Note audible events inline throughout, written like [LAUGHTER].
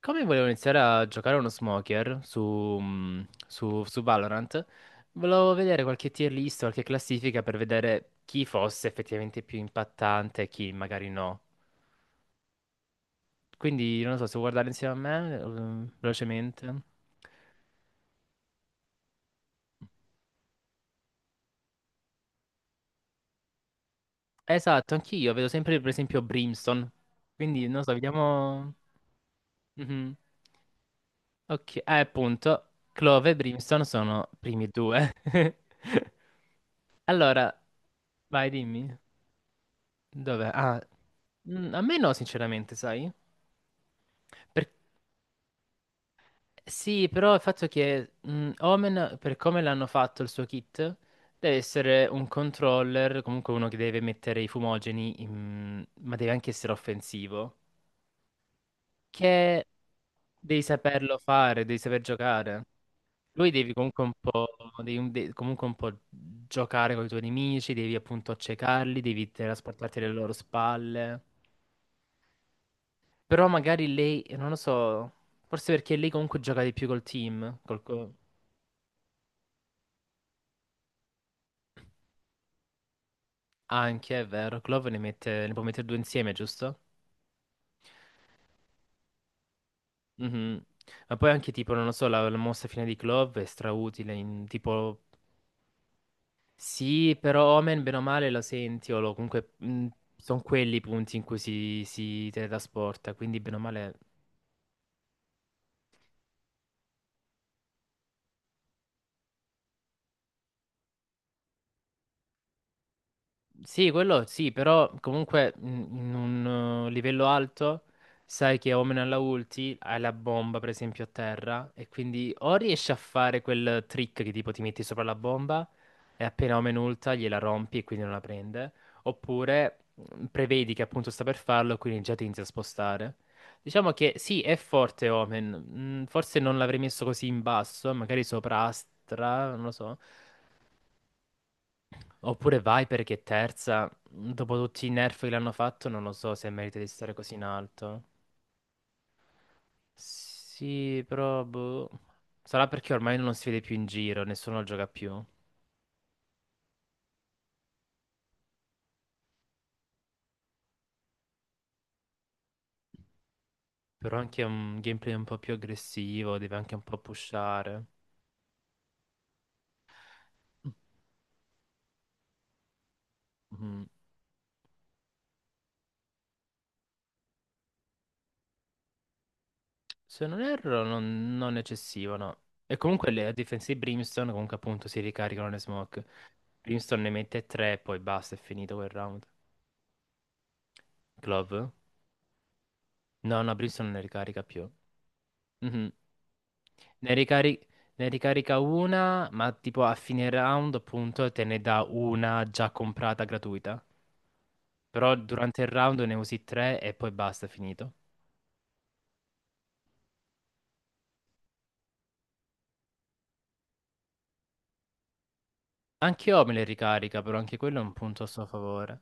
Come volevo iniziare a giocare a uno smoker su, mm, su Valorant, volevo vedere qualche tier list, qualche classifica per vedere chi fosse effettivamente più impattante e chi magari no. Quindi non lo so, se vuoi guardare insieme a me, velocemente. Esatto, anch'io vedo sempre per esempio Brimstone. Quindi non lo so, vediamo. Mhm. Ok, appunto, Clove e Brimstone sono primi due. [LAUGHS] Allora, vai, dimmi. Dov'è? A me no, sinceramente, sai? Per- Sì, però il fatto che Omen, per come l'hanno fatto il suo kit, deve essere un controller, comunque uno che deve mettere i fumogeni, ma deve anche essere offensivo, che devi saperlo fare, devi saper giocare. Lui devi comunque un po', devi comunque un po' giocare con i tuoi nemici, devi appunto accecarli, devi trasportarti alle loro spalle. Però magari lei, non lo so, forse perché lei comunque gioca di più col team. Anche, è vero, Clove ne mette, ne può mettere due insieme, giusto? Mhm. Ma poi anche tipo, non lo so, la mossa fine di Clove è strautile, in, tipo, sì, però Omen bene o male lo senti, o lo, comunque sono quelli i punti in cui si teletrasporta, quindi bene o male. Sì, quello sì, però comunque in un livello alto sai che Omen alla ulti hai la bomba per esempio a terra e quindi o riesci a fare quel trick che tipo ti metti sopra la bomba e appena Omen ulta gliela rompi e quindi non la prende, oppure prevedi che appunto sta per farlo e quindi già ti inizia a spostare. Diciamo che sì, è forte Omen, forse non l'avrei messo così in basso, magari sopra Astra, non lo so. Oppure Viper che è terza, dopo tutti i nerf che l'hanno fatto, non lo so se merita di stare così in alto. Sì, però boh. Sarà perché ormai non si vede più in giro, nessuno lo gioca più. Però anche un gameplay un po' più aggressivo, deve anche un po' pushare. Mhm. Se non erro, non eccessivo, no. E comunque le difense di Brimstone, comunque appunto si ricaricano le smoke. Brimstone ne mette tre, poi basta, è finito quel round. Glove? No, no, Brimstone non ne ricarica più. Mhm. Ne ricari- Ne ricarica una, ma tipo a fine round, appunto, te ne dà una già comprata gratuita. Però durante il round ne usi tre e poi basta, è finito. Anche io me le ricarica, però anche quello è un punto a suo favore.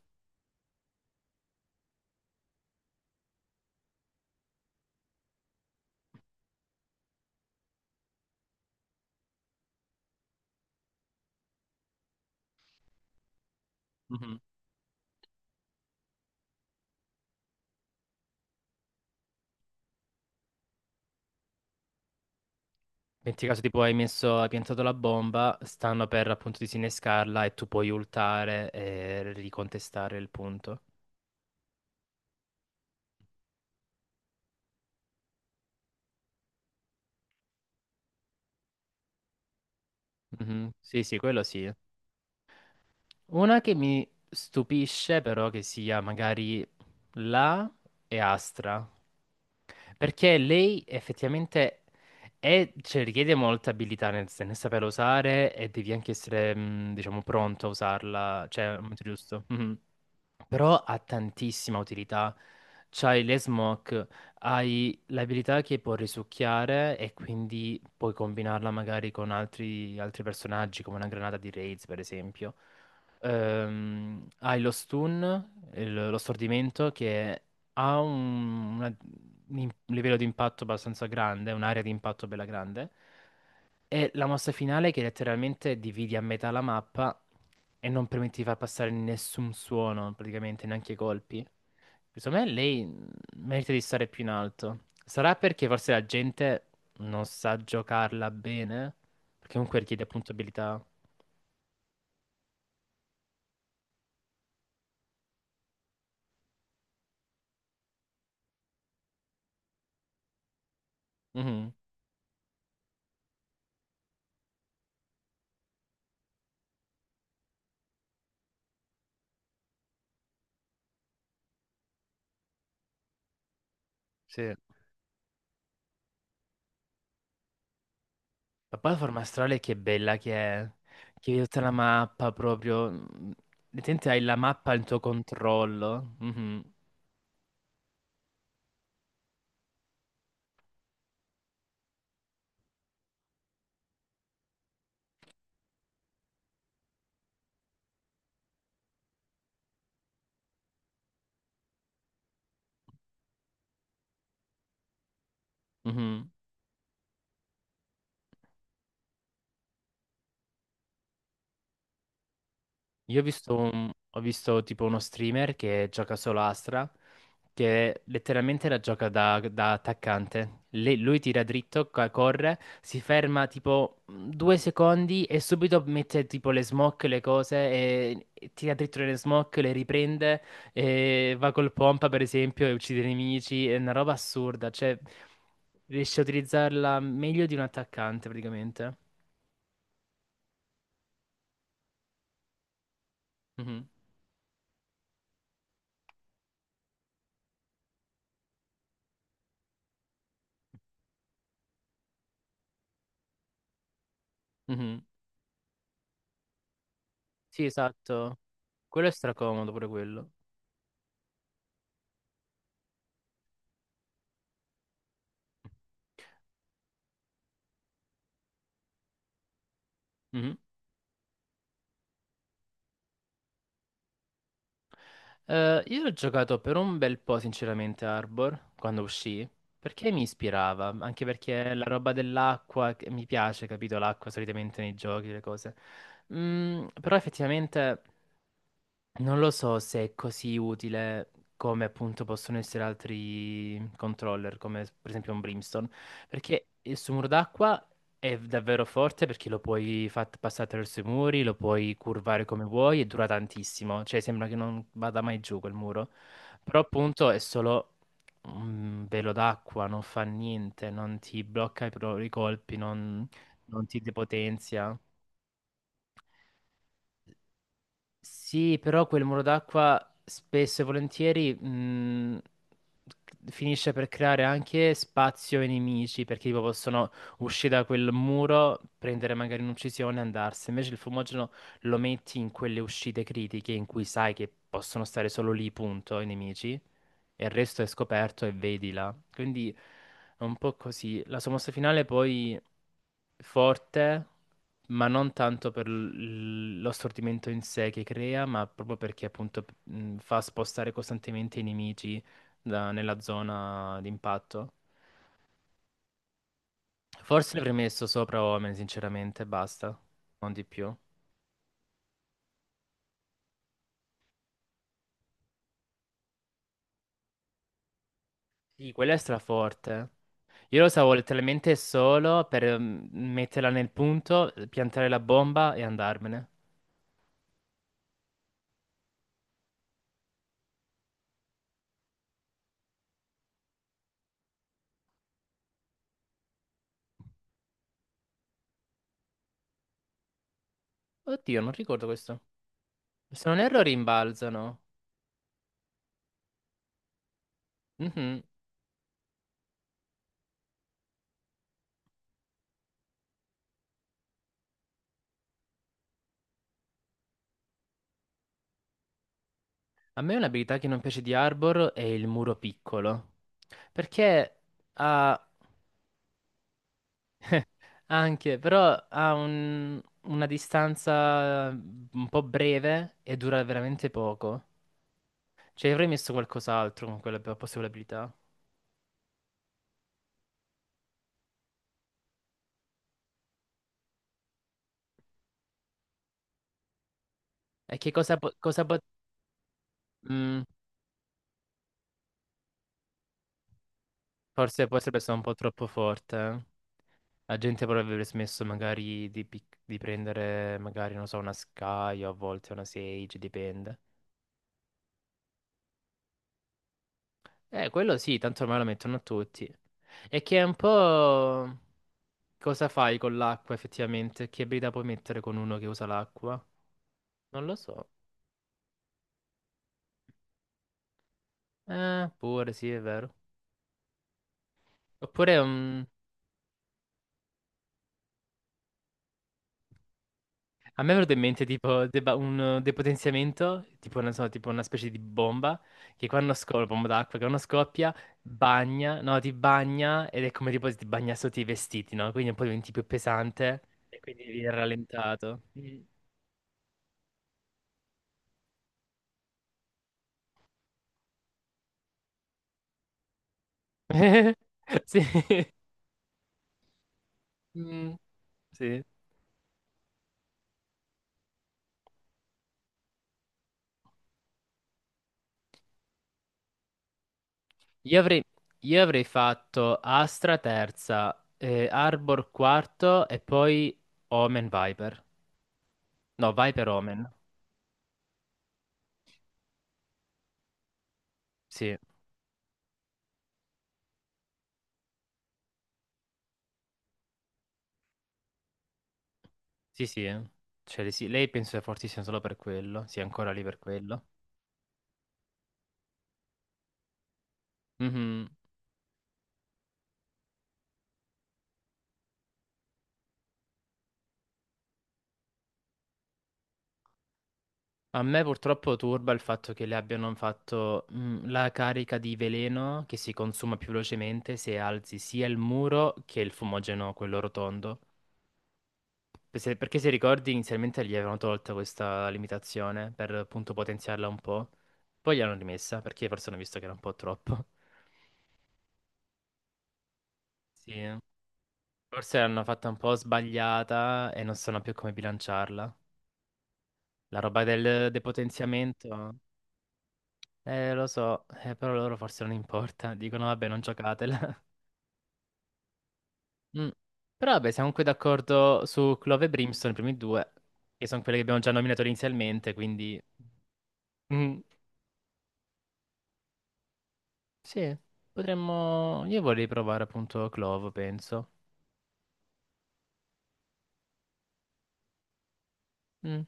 Mhm. Metti caso tipo hai messo, hai piantato la bomba, stanno per appunto disinnescarla e tu puoi ultare e ricontestare il punto. Mhm. Sì, sì, quello sì. Una che mi stupisce però che sia magari La e Astra. Perché lei effettivamente è, cioè, richiede molta abilità nel, nel saperla usare e devi anche essere, diciamo, pronto a usarla, cioè, al momento giusto. Mhm. Però ha tantissima utilità. C'hai le smoke, hai l'abilità che può risucchiare e quindi puoi combinarla magari con altri, altri personaggi, come una granata di raids, per esempio. Hai lo stun, lo stordimento, che ha un, una- un im- livello di impatto abbastanza grande, un'area di impatto bella grande. È la mossa finale che letteralmente dividi a metà la mappa e non permette di far passare nessun suono, praticamente, neanche i colpi. Secondo me lei merita di stare più in alto. Sarà perché forse la gente non sa giocarla bene, perché comunque richiede appunto abilità. Mhm, sì. Ma poi la forma astrale che bella che è, che vedi tutta la mappa proprio. Letteralmente hai la mappa al tuo controllo. Mhm, mhm. Io ho visto, ho visto tipo uno streamer che gioca solo Astra, che letteralmente la gioca da, da attaccante. Lui tira dritto, corre, si ferma tipo 2 secondi e subito mette tipo le smoke, le cose, e tira dritto le smoke, le riprende, e va col pompa per esempio e uccide i nemici. È una roba assurda, cioè riesce a utilizzarla meglio di un attaccante praticamente. Mhm. Mhm. Sì, esatto. Quello è stracomodo pure quello. Mhm. Io ho giocato per un bel po', sinceramente, Arbor, quando uscì, perché mi ispirava, anche perché la roba dell'acqua, che mi piace, capito, l'acqua solitamente nei giochi, le cose. Mm, però effettivamente non lo so se è così utile come appunto possono essere altri controller, come per esempio un Brimstone, perché il suo muro d'acqua è davvero forte perché lo puoi far passare attraverso i muri, lo puoi curvare come vuoi e dura tantissimo, cioè sembra che non vada mai giù quel muro. Però appunto è solo un velo d'acqua, non fa niente, non ti blocca i colpi, non, non ti depotenzia. Sì, però quel muro d'acqua spesso e volentieri finisce per creare anche spazio ai nemici, perché tipo possono uscire da quel muro, prendere magari un'uccisione e andarsene. Invece il fumogeno lo metti in quelle uscite critiche in cui sai che possono stare solo lì, punto, i nemici e il resto è scoperto e vedi là. Quindi è un po' così. La sua mossa finale poi forte, ma non tanto per lo stordimento in sé che crea, ma proprio perché appunto fa spostare costantemente i nemici nella zona d'impatto. Forse ne avrei messo sopra Omen, sinceramente, basta, non di più. Sì, quella è straforte. Io lo usavo letteralmente solo per metterla nel punto, piantare la bomba e andarmene. Oddio, non ricordo questo. Se non erro rimbalzano. Mhm. A me un'abilità che non piace di Arbor è il muro piccolo. Perché ha anche, però ha una distanza un po' breve e dura veramente poco. Cioè avrei messo qualcos'altro con quella possibile abilità. E che cosa po- mm, Forse potrebbe essere un po' troppo forte, eh. La gente potrebbe smesso magari di, di prendere, magari, non so, una Sky o a volte una Sage, dipende. Quello sì, tanto ormai lo mettono a tutti. E che è un po' cosa fai con l'acqua effettivamente? Che abilità puoi mettere con uno che usa l'acqua? Non lo so. Pure sì, è vero. Oppure a me è venuto in mente tipo deba- un depotenziamento, tipo, non so, tipo una specie di bomba, bomba d'acqua, che quando scoppia, bagna, no, ti bagna ed è come tipo se ti bagna sotto i vestiti, no? Quindi un po' diventi più pesante e quindi viene rallentato. Mm. [LAUGHS] Sì. Mm, sì. Io avrei, io avrei fatto Astra terza, Arbor quarto e poi Omen Viper. No, Viper Omen. Sì. Sì, sì, eh. Cioè, sì, lei penso sia fortissima solo per quello, sia ancora lì per quello. Mhm. A me purtroppo turba il fatto che le abbiano fatto la carica di veleno che si consuma più velocemente se alzi sia il muro che il fumogeno, quello rotondo. Perché se ricordi inizialmente gli avevano tolta questa limitazione per appunto potenziarla un po', poi gliel'hanno rimessa perché forse hanno visto che era un po' troppo. [LAUGHS] Sì, eh, forse l'hanno fatta un po' sbagliata e non sanno più come bilanciarla. La roba del depotenziamento? Lo so, però loro forse non importa. [LAUGHS] Dicono, vabbè, non giocatela. [LAUGHS] Mm. Però vabbè, siamo qui d'accordo su Clove e Brimstone, i primi due, che sono quelli che abbiamo già nominato inizialmente, quindi. Mm. Sì, potremmo. Io vorrei provare appunto Clove, penso. Mm,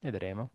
vedremo.